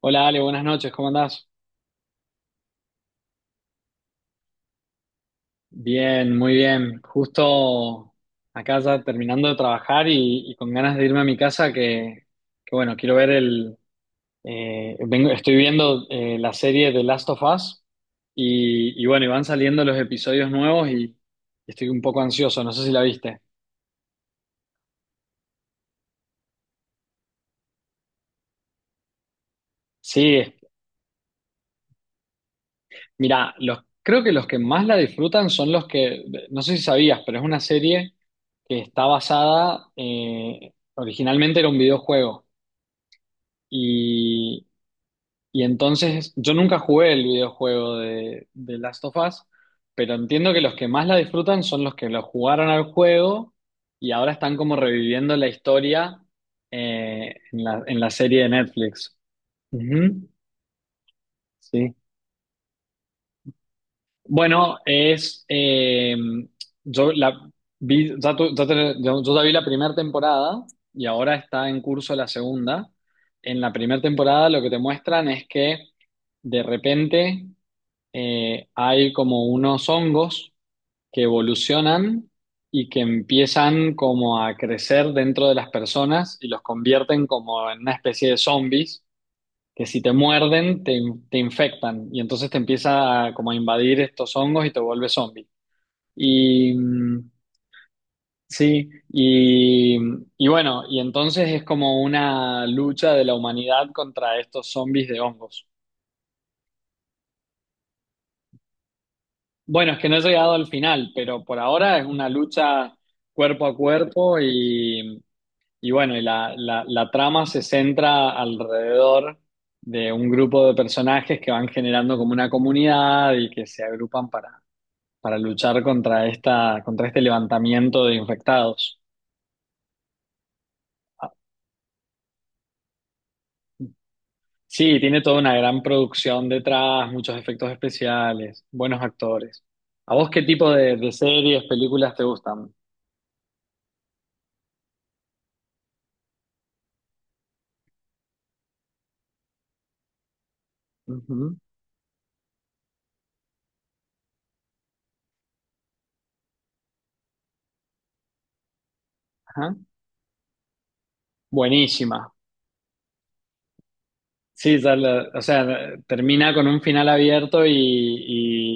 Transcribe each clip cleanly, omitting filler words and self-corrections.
Hola Ale, buenas noches, ¿cómo andás? Bien, muy bien. Justo acá ya terminando de trabajar y con ganas de irme a mi casa que bueno, quiero ver estoy viendo la serie de Last of Us y bueno, y van saliendo los episodios nuevos y estoy un poco ansioso, no sé si la viste. Sí, es- Mira, creo que los que más la disfrutan son no sé si sabías, pero es una serie que está basada, originalmente era un videojuego. Y, y entonces yo nunca jugué el videojuego de Last of Us, pero entiendo que los que más la disfrutan son los que lo jugaron al juego y ahora están como reviviendo la historia en la serie de Netflix. Ujú. Sí. Bueno, es. Yo la vi, ya tu- ya te- yo yo ya vi la primera temporada y ahora está en curso la segunda. En la primera temporada lo que te muestran es que de repente hay como unos hongos que evolucionan y que empiezan como a crecer dentro de las personas y los convierten como en una especie de zombies que si te muerden, te infectan y entonces te empieza a, como a invadir estos hongos y te vuelve zombie. Y mm, sí, y bueno, y entonces es como una lucha de la humanidad contra estos zombies de hongos. Bueno, es que no he llegado al final, pero por ahora es una lucha cuerpo a cuerpo y bueno, y la trama se centra alrededor de un grupo de personajes que van generando como una comunidad y que se agrupan para luchar contra contra este levantamiento de infectados. Ah, sí, tiene toda una gran producción detrás, muchos efectos especiales, buenos actores. ¿A vos qué tipo de series, películas te gustan? Ujú, ajá. Buenísima. Sí, o sea, termina con un final abierto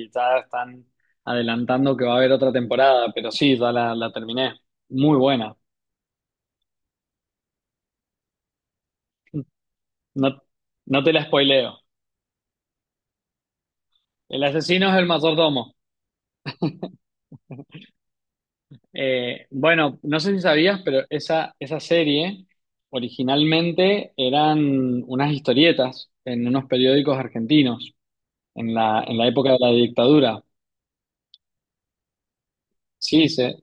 y ya están adelantando que va a haber otra temporada, pero sí, la terminé. Muy buena. No, no te la spoileo. El asesino es el mayordomo. Bueno, no sé si sabías, pero esa serie originalmente eran unas historietas en unos periódicos argentinos en la época de la dictadura. Sí, se,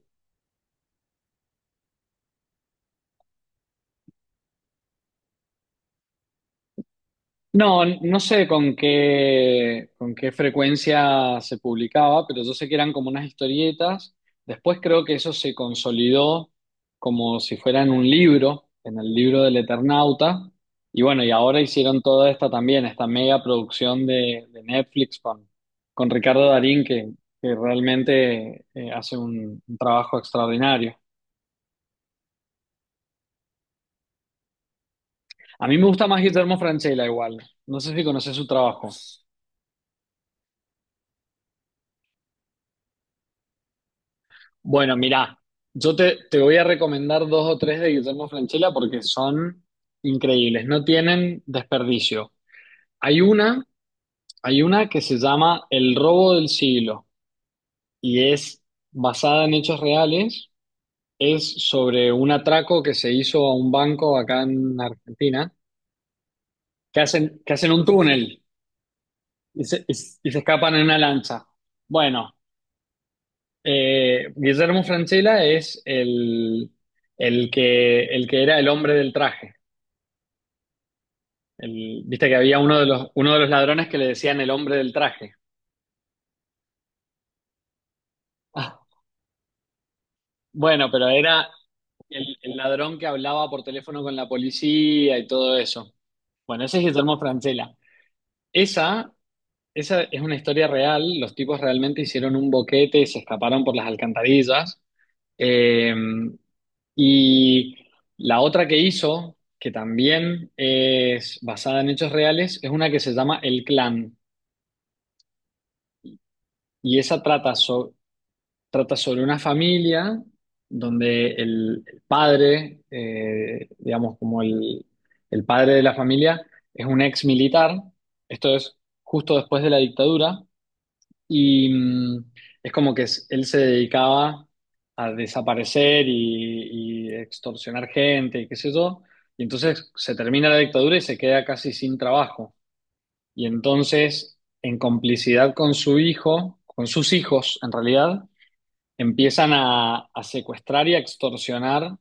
No, no sé con qué frecuencia se publicaba, pero yo sé que eran como unas historietas. Después creo que eso se consolidó como si fuera en un libro, en el libro del Eternauta. Y bueno, y ahora hicieron toda esta también, esta mega producción de Netflix con Ricardo Darín, que realmente hace un trabajo extraordinario. A mí me gusta más Guillermo Francella igual. No sé si conoces su trabajo. Bueno, mirá, te voy a recomendar dos o tres de Guillermo Francella porque son increíbles, no tienen desperdicio. Hay una, hay una que se llama El robo del siglo y es basada en hechos reales, es sobre un atraco que se hizo a un banco acá en Argentina, que hacen un túnel y se escapan en una lancha. Bueno, Guillermo Francella es el, el que era el hombre del traje. Viste que había uno de los ladrones que le decían el hombre del traje. Ah, bueno, pero era el ladrón que hablaba por teléfono con la policía y todo eso. Bueno, ese es Guillermo Francella. Esa, esa es una historia real. Los tipos realmente hicieron un boquete y se escaparon por las alcantarillas. Eh, y la otra que hizo, que también es basada en hechos reales, es una que se llama El Clan. Y esa trata sobre una familia donde el padre, digamos, como el padre de la familia, es un ex militar, esto es justo después de la dictadura, y mm, es como que él se dedicaba a desaparecer y extorsionar gente y qué sé yo, y entonces se termina la dictadura y se queda casi sin trabajo. Y entonces, en complicidad con su hijo, con sus hijos en realidad, empiezan a secuestrar y a extorsionar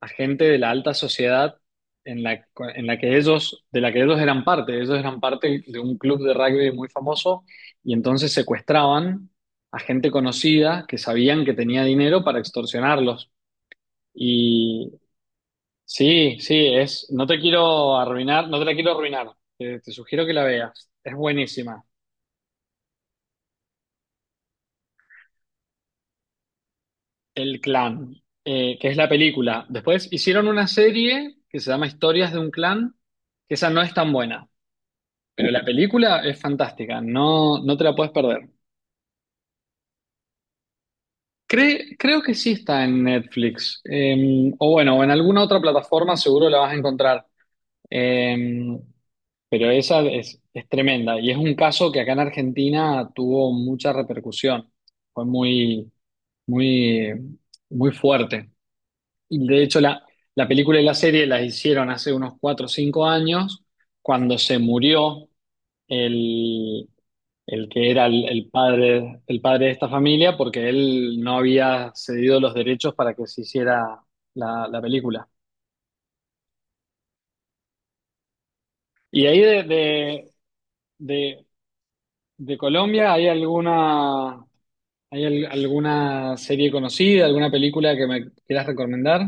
a gente de la alta sociedad en la, en la que ellos, de la que ellos eran parte. Ellos eran parte de un club de rugby muy famoso y entonces secuestraban a gente conocida que sabían que tenía dinero para extorsionarlos. Y sí, sí, es, no te quiero arruinar, no te la quiero arruinar. Te sugiero que la veas. Es buenísima. El Clan, que es la película. Después hicieron una serie que se llama Historias de un Clan, que esa no es tan buena, pero la película es fantástica, no, no te la puedes perder. Creo que sí está en Netflix, o bueno, o en alguna otra plataforma seguro la vas a encontrar. Eh, pero esa es tremenda y es un caso que acá en Argentina tuvo mucha repercusión, fue muy, muy, muy fuerte. Y de hecho, la película y la serie las hicieron hace unos cuatro o cinco años, cuando se murió el, el padre de esta familia, porque él no había cedido los derechos para que se hiciera la película. Y ahí de- de Colombia, ¿hay alguna, alguna serie conocida, alguna película que me quieras recomendar?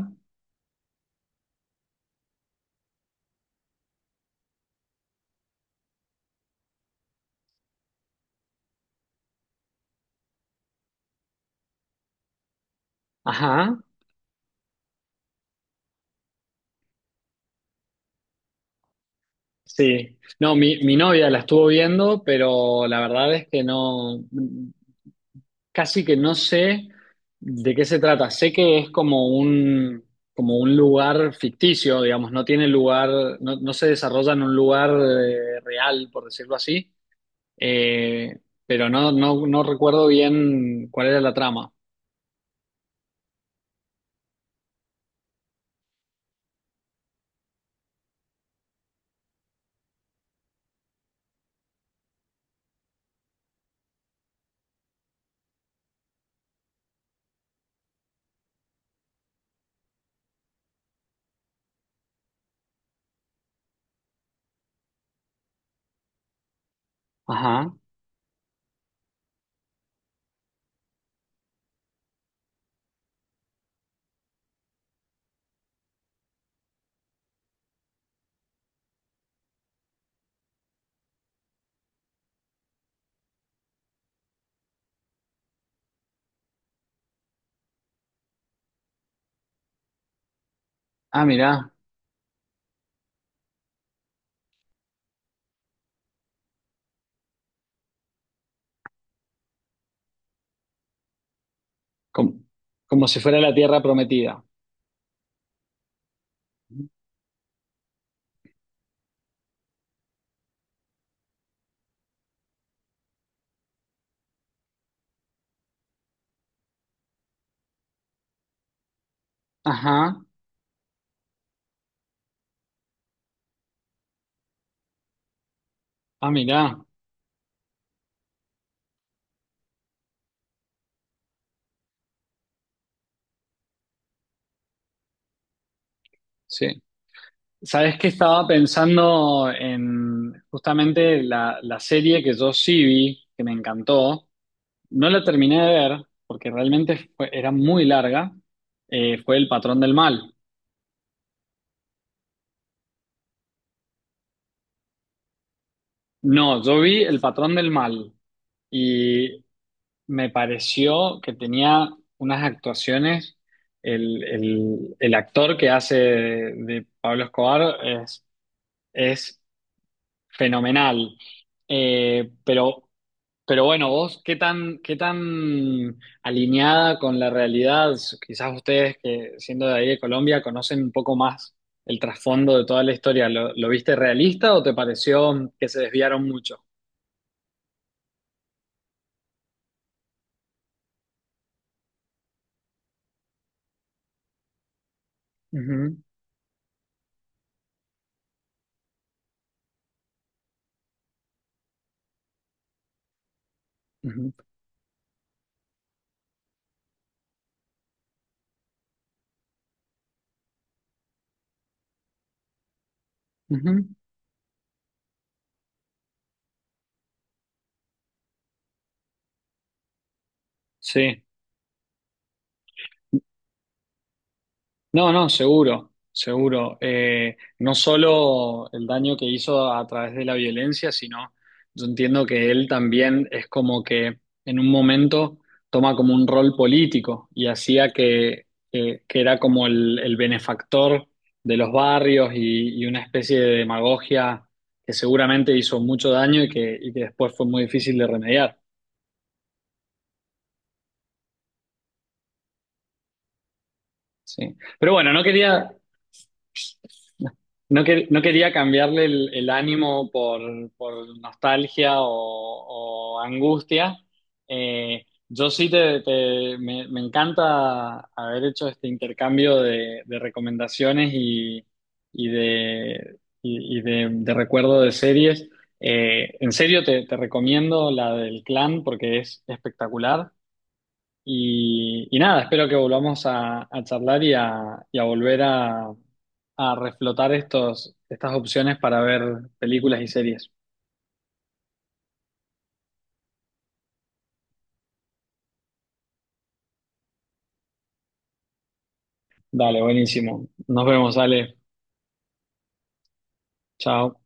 Ajá. Sí, no, mi novia la estuvo viendo, pero la verdad es que no, casi que no sé de qué se trata. Sé que es como un lugar ficticio, digamos, no tiene lugar, no, no se desarrolla en un lugar real, por decirlo así. Eh, pero no, no, no recuerdo bien cuál era la trama. Ajá. Ah, mirá, como, como si fuera la tierra prometida. Ajá. Ah, mirá, sí. Sabes que estaba pensando en justamente la, la serie que yo sí vi, que me encantó. No la terminé de ver porque era muy larga. Eh, fue El Patrón del Mal. No, yo vi El Patrón del Mal y me pareció que tenía unas actuaciones. El, el actor que hace de Pablo Escobar es fenomenal. Eh, pero Pero bueno, vos, qué tan alineada con la realidad? Quizás ustedes que siendo de ahí de Colombia conocen un poco más el trasfondo de toda la historia. Lo viste realista o te pareció que se desviaron mucho? Ujú, ujú, ujú. Sí. No, no, seguro, seguro. No solo el daño que hizo a través de la violencia, sino yo entiendo que él también es como que en un momento toma como un rol político y hacía que era como el benefactor de los barrios y una especie de demagogia que seguramente hizo mucho daño y que después fue muy difícil de remediar. Sí. Pero bueno, no quería, no quería cambiarle el ánimo por nostalgia o angustia. Yo sí te, me, me encanta haber hecho este intercambio de recomendaciones y, y de recuerdo de series. En serio te, te recomiendo la del Clan porque es espectacular. Y nada, espero que volvamos a charlar y a volver a reflotar estos, estas opciones para ver películas y series. Dale, buenísimo. Nos vemos, Ale. Chao.